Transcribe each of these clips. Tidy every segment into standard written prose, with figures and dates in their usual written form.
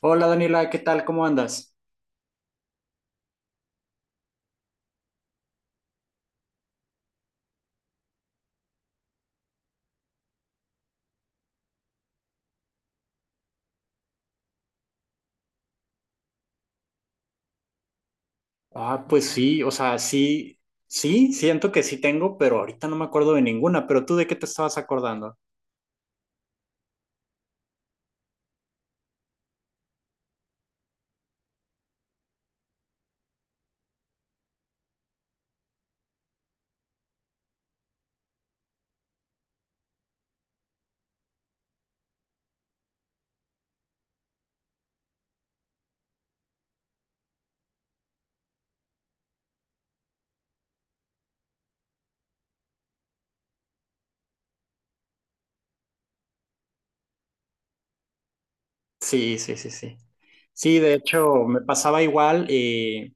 Hola Daniela, ¿qué tal? ¿Cómo andas? Ah, pues sí, o sea, sí, sí, siento que sí tengo, pero ahorita no me acuerdo de ninguna, pero tú ¿de qué te estabas acordando? Sí, sí, sí, sí. Sí, de hecho, me pasaba igual.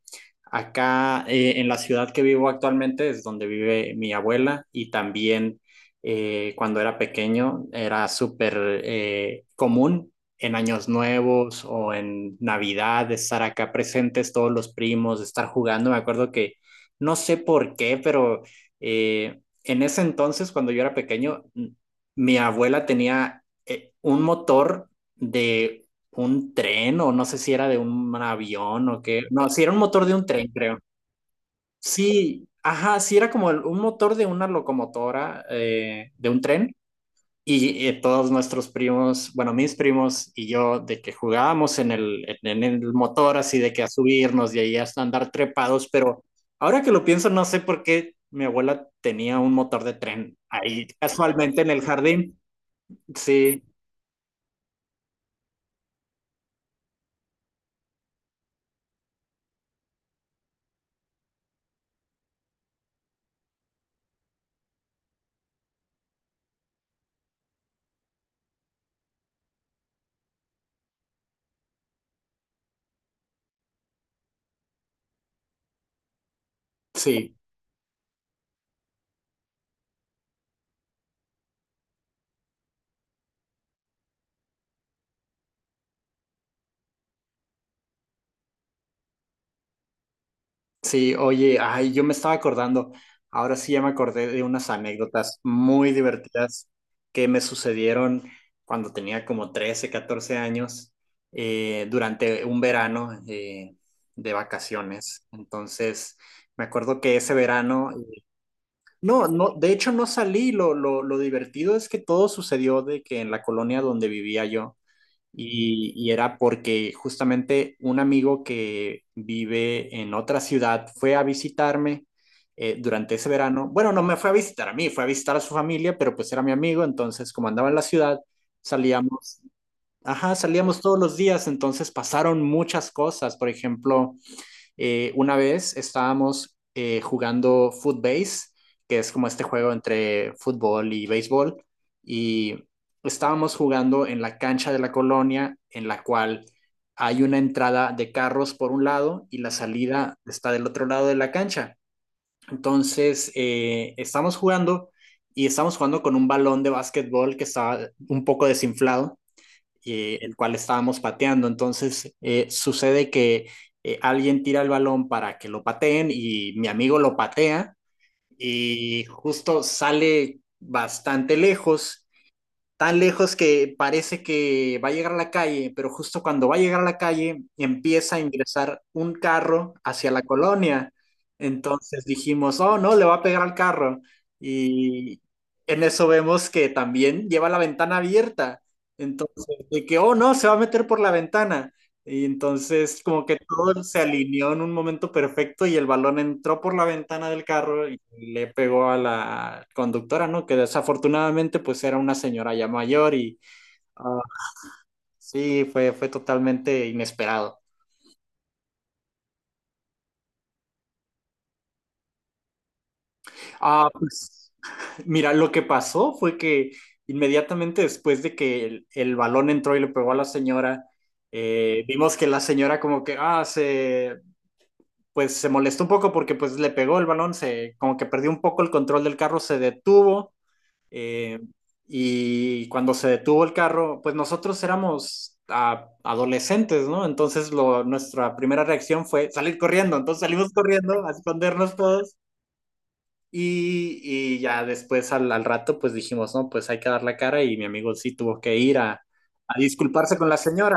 Acá en la ciudad que vivo actualmente es donde vive mi abuela y también cuando era pequeño era súper común en años nuevos o en Navidad estar acá presentes todos los primos, estar jugando. Me acuerdo que no sé por qué, pero en ese entonces, cuando yo era pequeño, mi abuela tenía un motor de un tren o no sé si era de un avión o qué. No, sí era un motor de un tren, creo. Sí, ajá, sí era como un motor de una locomotora, de un tren. Y todos nuestros primos, bueno, mis primos y yo, de que jugábamos en el motor, así de que a subirnos y ahí hasta andar trepados, pero ahora que lo pienso, no sé por qué mi abuela tenía un motor de tren ahí casualmente en el jardín. Sí, sí. Sí, oye, ay, yo me estaba acordando, ahora sí ya me acordé de unas anécdotas muy divertidas que me sucedieron cuando tenía como 13, 14 años, durante un verano de vacaciones. Entonces, me acuerdo que ese verano, no, no, de hecho no salí, lo divertido es que todo sucedió de que en la colonia donde vivía yo, y era porque justamente un amigo que vive en otra ciudad fue a visitarme durante ese verano. Bueno, no me fue a visitar a mí, fue a visitar a su familia, pero pues era mi amigo, entonces como andaba en la ciudad, salíamos, ajá, salíamos todos los días, entonces pasaron muchas cosas. Por ejemplo, una vez estábamos jugando Footbase, que es como este juego entre fútbol y béisbol, y estábamos jugando en la cancha de la colonia, en la cual hay una entrada de carros por un lado y la salida está del otro lado de la cancha. Entonces, estamos jugando y estamos jugando con un balón de básquetbol que estaba un poco desinflado, el cual estábamos pateando. Entonces sucede que alguien tira el balón para que lo pateen y mi amigo lo patea y justo sale bastante lejos, tan lejos que parece que va a llegar a la calle, pero justo cuando va a llegar a la calle empieza a ingresar un carro hacia la colonia. Entonces dijimos, oh no, le va a pegar al carro. Y en eso vemos que también lleva la ventana abierta. Entonces, de que, oh no, se va a meter por la ventana. Y entonces como que todo se alineó en un momento perfecto y el balón entró por la ventana del carro y le pegó a la conductora, ¿no? Que desafortunadamente pues era una señora ya mayor y ah, sí, fue, fue totalmente inesperado. Ah, pues mira, lo que pasó fue que inmediatamente después de que el balón entró y le pegó a la señora, vimos que la señora como que, ah, se, pues se molestó un poco porque pues le pegó el balón, se como que perdió un poco el control del carro, se detuvo, eh, y cuando se detuvo el carro, pues nosotros éramos adolescentes, ¿no? Entonces lo, nuestra primera reacción fue salir corriendo, entonces salimos corriendo a escondernos todos y ya después rato pues dijimos, no, pues hay que dar la cara y mi amigo sí tuvo que ir a disculparse con la señora,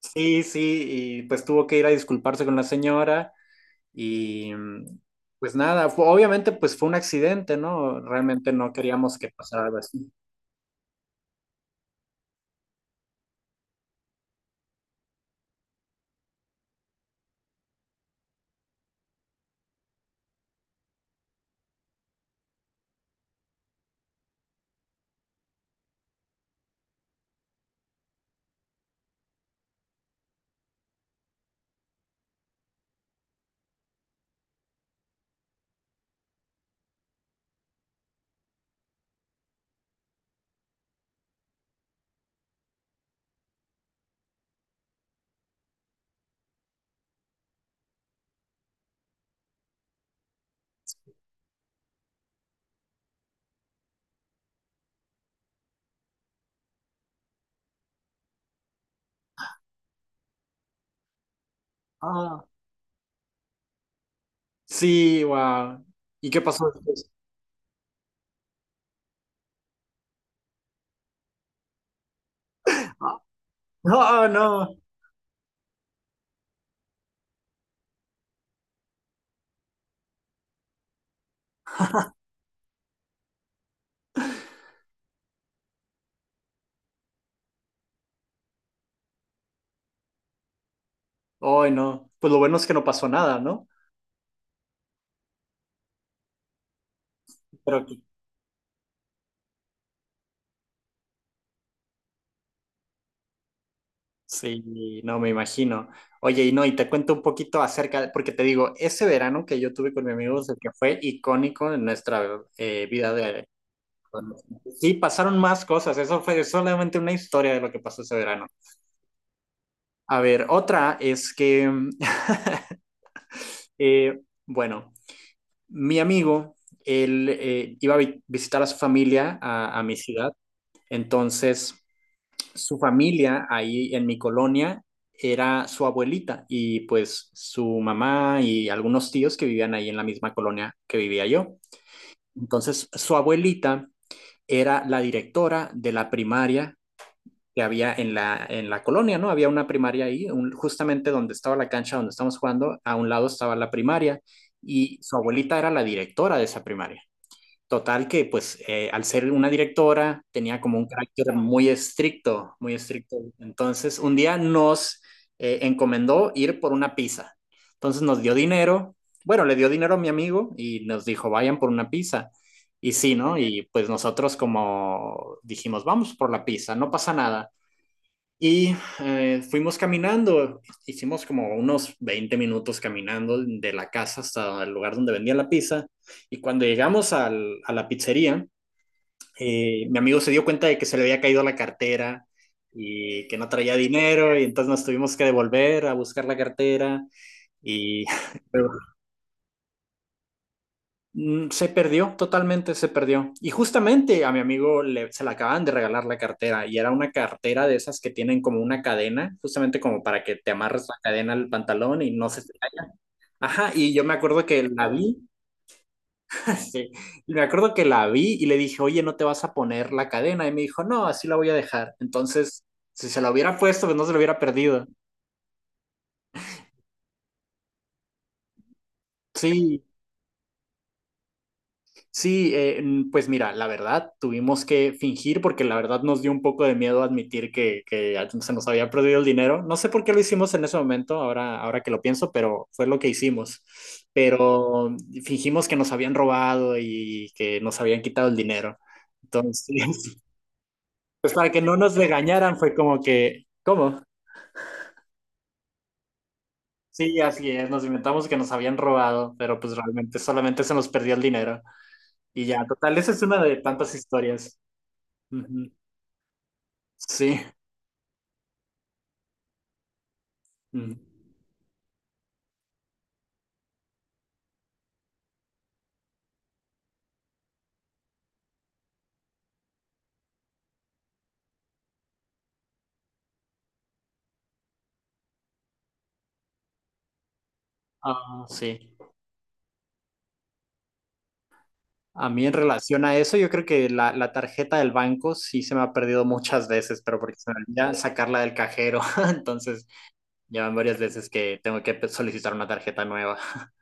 sí, sí, y pues tuvo que ir a disculparse con la señora. Y pues nada, obviamente pues fue un accidente, ¿no? Realmente no queríamos que pasara algo así. Ah, sí, wow. ¿Y qué pasó después? Ah, no, no. Ay, no. Pues lo bueno es que no pasó nada, ¿no? Pero que- sí, no me imagino. Oye, y no, y te cuento un poquito porque te digo, ese verano que yo tuve con mi amigo, es el que fue icónico en nuestra vida de... Sí, pasaron más cosas, eso fue solamente una historia de lo que pasó ese verano. A ver, otra es que, eh, bueno, mi amigo, él iba a visitar a su familia a mi ciudad, entonces su familia ahí en mi colonia era su abuelita y pues su mamá y algunos tíos que vivían ahí en la misma colonia que vivía yo. Entonces su abuelita era la directora de la primaria que había en la colonia, ¿no? Había una primaria ahí, justamente donde estaba la cancha donde estamos jugando, a un lado estaba la primaria y su abuelita era la directora de esa primaria. Total que pues al ser una directora tenía como un carácter muy estricto, muy estricto. Entonces un día nos encomendó ir por una pizza. Entonces nos dio dinero, bueno, le dio dinero a mi amigo y nos dijo, vayan por una pizza. Y sí, ¿no? Y pues nosotros como dijimos, vamos por la pizza, no pasa nada. Y fuimos caminando, hicimos como unos 20 minutos caminando de la casa hasta el lugar donde vendía la pizza. Y cuando llegamos a la pizzería, mi amigo se dio cuenta de que se le había caído la cartera y que no traía dinero y entonces nos tuvimos que devolver a buscar la cartera y pero mm, se perdió, totalmente se perdió. Y justamente a mi amigo le, se le acaban de regalar la cartera y era una cartera de esas que tienen como una cadena, justamente como para que te amarres la cadena al pantalón y no se te caiga. Ajá, y yo me acuerdo que la vi, sí, y me acuerdo que la vi y le dije, oye, ¿no te vas a poner la cadena? Y me dijo, no, así la voy a dejar. Entonces, si se la hubiera puesto, pues no se la hubiera perdido. Sí, sí, pues mira, la verdad, tuvimos que fingir porque la verdad nos dio un poco de miedo admitir que se nos había perdido el dinero. No sé por qué lo hicimos en ese momento, ahora, ahora que lo pienso, pero fue lo que hicimos. Pero fingimos que nos habían robado y que nos habían quitado el dinero. Entonces, pues para que no nos regañaran fue como que, ¿cómo? Sí, así es, nos inventamos que nos habían robado, pero pues realmente solamente se nos perdió el dinero. Y ya, total, esa es una de tantas historias. Ujú. Sí. Mm. Ah, sí. A mí en relación a eso, yo creo que la tarjeta del banco sí se me ha perdido muchas veces, pero porque se me olvida sacarla del cajero. Entonces, ya van varias veces que tengo que solicitar una tarjeta nueva.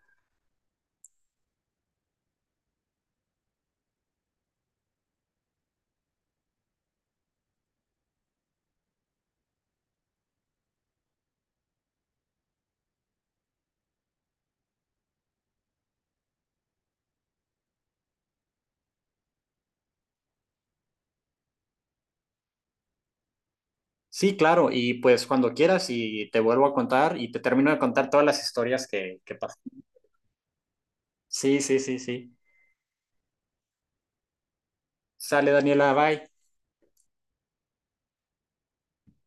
Sí, claro, y pues cuando quieras y te vuelvo a contar y te termino de contar todas las historias que pasan. Sí, sí, sí, sí. Sale Daniela, bye.